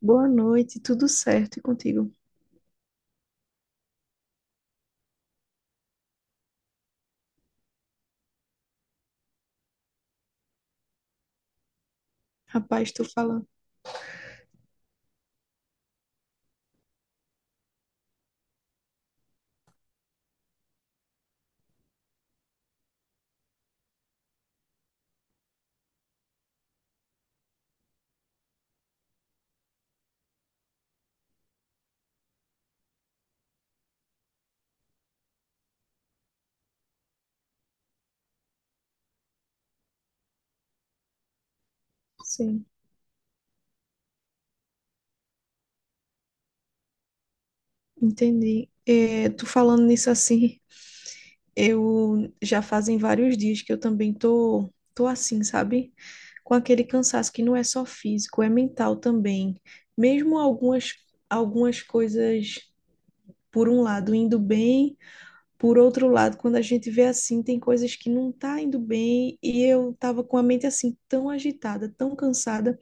Boa noite, tudo certo e contigo? Rapaz, tu falando. Sim, entendi. É, tu falando nisso assim, eu já fazem vários dias que eu também tô assim, sabe? Com aquele cansaço que não é só físico, é mental também. Mesmo algumas, algumas coisas, por um lado, indo bem, por outro lado, quando a gente vê assim, tem coisas que não tá indo bem, e eu tava com a mente assim, tão agitada, tão cansada,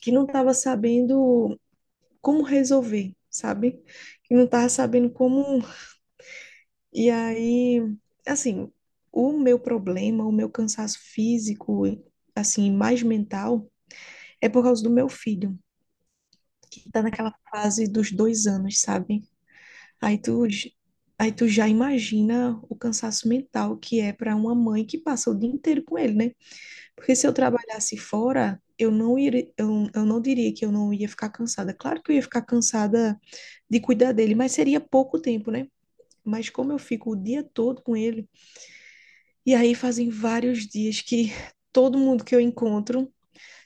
que não tava sabendo. Como resolver, sabe? Que não tava sabendo como. E aí, assim, o meu problema, o meu cansaço físico, assim, mais mental, é por causa do meu filho, que tá naquela fase dos 2 anos, sabe? Aí tu, j- aí tu já imagina o cansaço mental que é para uma mãe que passa o dia inteiro com ele, né? Porque se eu trabalhasse fora, eu não iria, eu não diria que eu não ia ficar cansada. Claro que eu ia ficar cansada de cuidar dele, mas seria pouco tempo, né? Mas como eu fico o dia todo com ele, e aí fazem vários dias que todo mundo que eu encontro,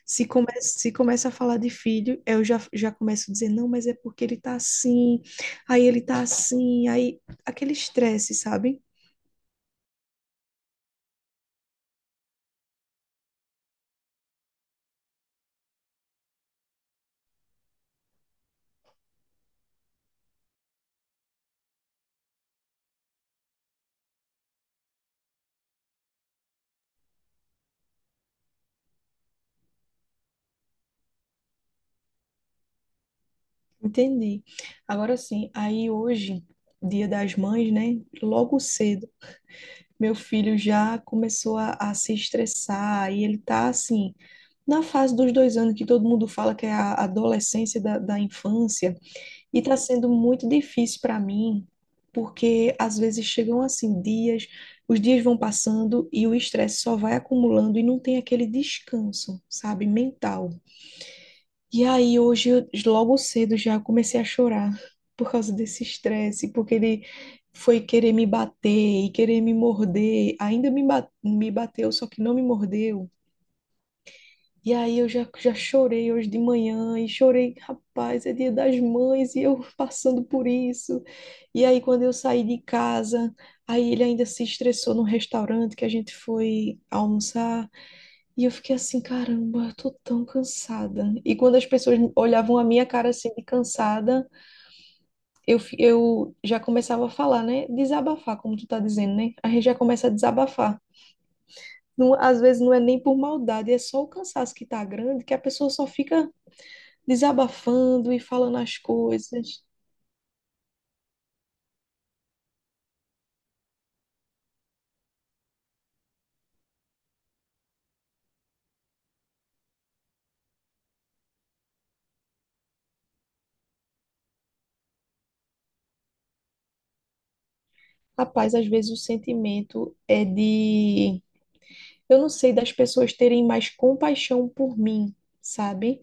se começa a falar de filho, eu já começo a dizer, não, mas é porque ele tá assim, aí ele tá assim, aí aquele estresse, sabe? Entendi. Agora sim, aí hoje, dia das mães, né? Logo cedo, meu filho já começou a se estressar, e ele tá assim, na fase dos 2 anos que todo mundo fala que é a adolescência da infância. E está sendo muito difícil para mim, porque às vezes chegam assim dias, os dias vão passando e o estresse só vai acumulando e não tem aquele descanso, sabe, mental. E aí hoje, logo cedo já comecei a chorar por causa desse estresse, porque ele foi querer me bater e querer me morder. Ainda me bateu, só que não me mordeu. E aí eu já chorei hoje de manhã e chorei, rapaz, é dia das mães e eu passando por isso. E aí quando eu saí de casa, aí ele ainda se estressou no restaurante que a gente foi almoçar e eu fiquei assim, caramba, eu tô tão cansada. E quando as pessoas olhavam a minha cara assim de cansada, eu já começava a falar, né? Desabafar, como tu tá dizendo, né? A gente já começa a desabafar. Não, às vezes não é nem por maldade, é só o cansaço que tá grande que a pessoa só fica desabafando e falando as coisas. Rapaz, às vezes o sentimento é de eu não sei, das pessoas terem mais compaixão por mim, sabe?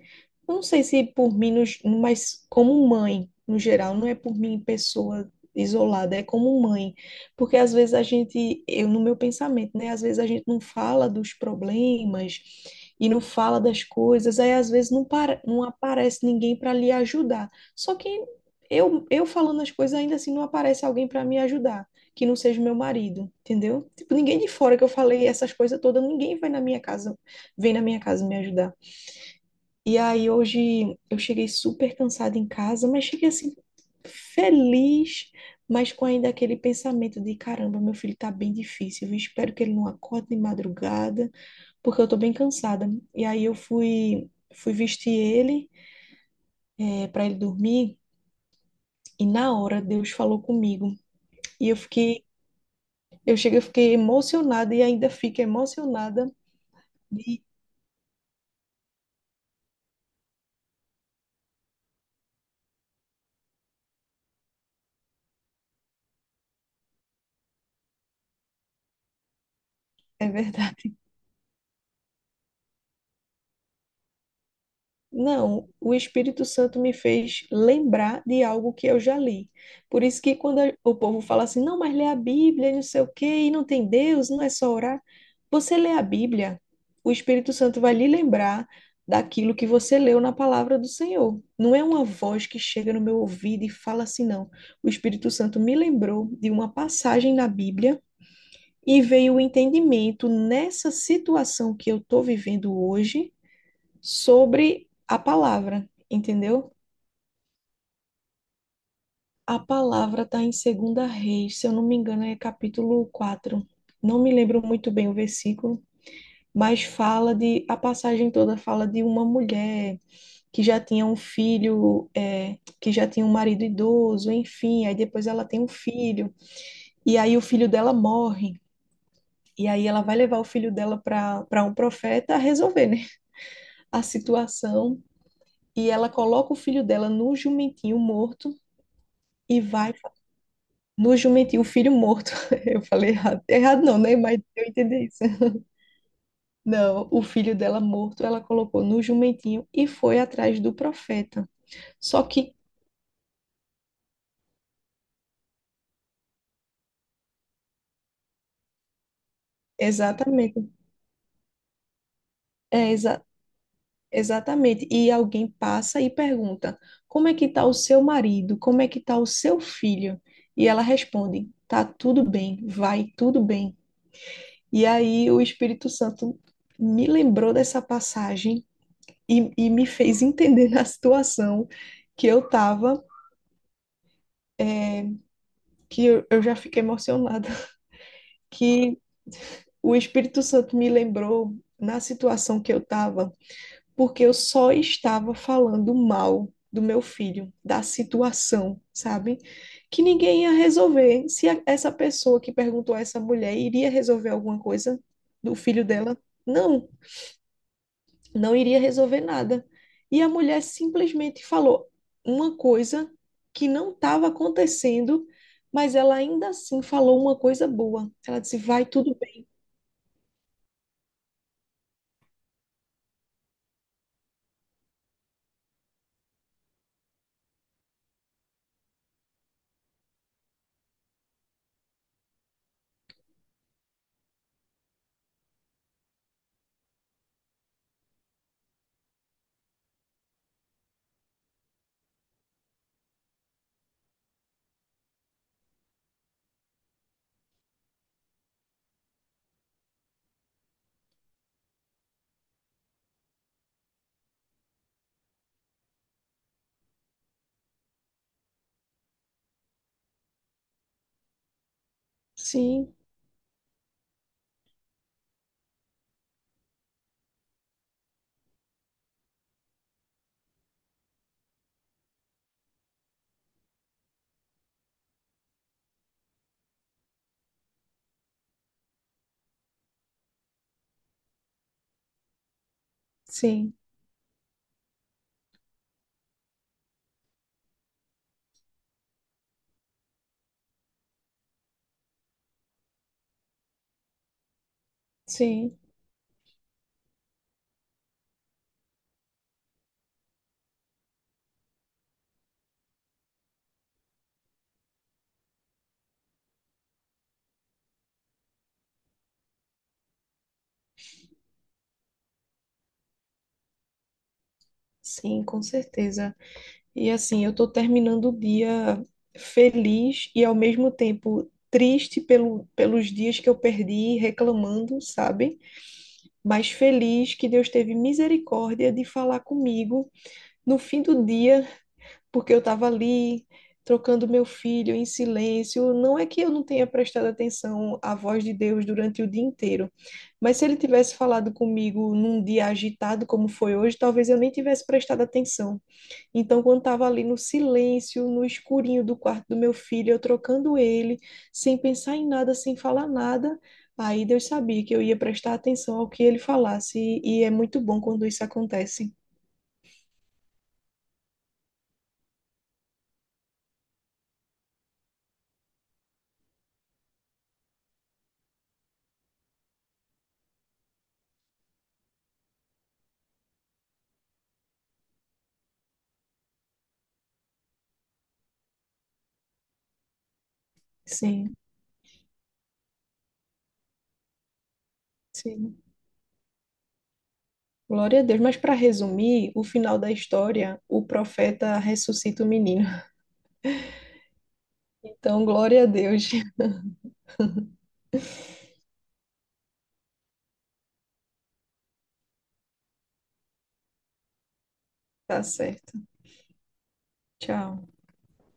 Eu não sei se por mim, no ge- mas como mãe, no geral, não é por mim pessoa isolada, é como mãe. Porque às vezes a gente, eu no meu pensamento, né? Às vezes a gente não fala dos problemas e não fala das coisas, aí às vezes não, para, não aparece ninguém para lhe ajudar. Só que eu falando as coisas, ainda assim não aparece alguém para me ajudar que não seja o meu marido, entendeu? Tipo, ninguém de fora que eu falei essas coisas todas, ninguém vai na minha casa, vem na minha casa me ajudar. E aí hoje eu cheguei super cansada em casa, mas cheguei assim feliz, mas com ainda aquele pensamento de caramba, meu filho tá bem difícil, eu espero que ele não acorde de madrugada, porque eu tô bem cansada. E aí eu fui fui vestir ele, é, para ele dormir, e na hora Deus falou comigo. E eu fiquei, eu cheguei, eu fiquei emocionada e ainda fico emocionada. E- é verdade. Não, o Espírito Santo me fez lembrar de algo que eu já li. Por isso que quando o povo fala assim, não, mas lê a Bíblia, e não sei o quê, e não tem Deus, não é só orar. Você lê a Bíblia, o Espírito Santo vai lhe lembrar daquilo que você leu na palavra do Senhor. Não é uma voz que chega no meu ouvido e fala assim, não. O Espírito Santo me lembrou de uma passagem na Bíblia e veio o entendimento nessa situação que eu estou vivendo hoje sobre a palavra, entendeu? A palavra está em 2 Reis, se eu não me engano, é capítulo 4. Não me lembro muito bem o versículo, mas fala de, a passagem toda fala de uma mulher que já tinha um filho, é, que já tinha um marido idoso, enfim, aí depois ela tem um filho, e aí o filho dela morre. E aí ela vai levar o filho dela para um profeta a resolver, né, a situação. E ela coloca o filho dela no jumentinho morto e vai. No jumentinho, o filho morto. Eu falei errado. Errado não, né? Mas eu entendi isso. Não, o filho dela morto, ela colocou no jumentinho e foi atrás do profeta. Só que, exatamente, é exa exatamente. E alguém passa e pergunta: Como é que tá o seu marido? Como é que tá o seu filho? E ela responde: Tá tudo bem, vai tudo bem. E aí o Espírito Santo me lembrou dessa passagem e me fez entender na situação que eu estava, que eu já fiquei emocionada, que o Espírito Santo me lembrou na situação que eu estava, porque eu só estava falando mal do meu filho, da situação, sabe? Que ninguém ia resolver. Se a- essa pessoa que perguntou a essa mulher iria resolver alguma coisa do filho dela, não. Não iria resolver nada. E a mulher simplesmente falou uma coisa que não estava acontecendo, mas ela ainda assim falou uma coisa boa. Ela disse: vai tudo bem. Sim, sim, sim, sim, com certeza. E assim, eu estou terminando o dia feliz e ao mesmo tempo triste pelos dias que eu perdi reclamando, sabe? Mas feliz que Deus teve misericórdia de falar comigo no fim do dia porque eu estava ali trocando meu filho em silêncio. Não é que eu não tenha prestado atenção à voz de Deus durante o dia inteiro, mas se ele tivesse falado comigo num dia agitado como foi hoje, talvez eu nem tivesse prestado atenção. Então, quando estava ali no silêncio, no escurinho do quarto do meu filho, eu trocando ele, sem pensar em nada, sem falar nada. Aí Deus sabia que eu ia prestar atenção ao que ele falasse, e é muito bom quando isso acontece. Sim, sim. Glória a Deus. Mas para resumir, o final da história, o profeta ressuscita o menino. Então, glória a Deus. Tá certo. Tchau.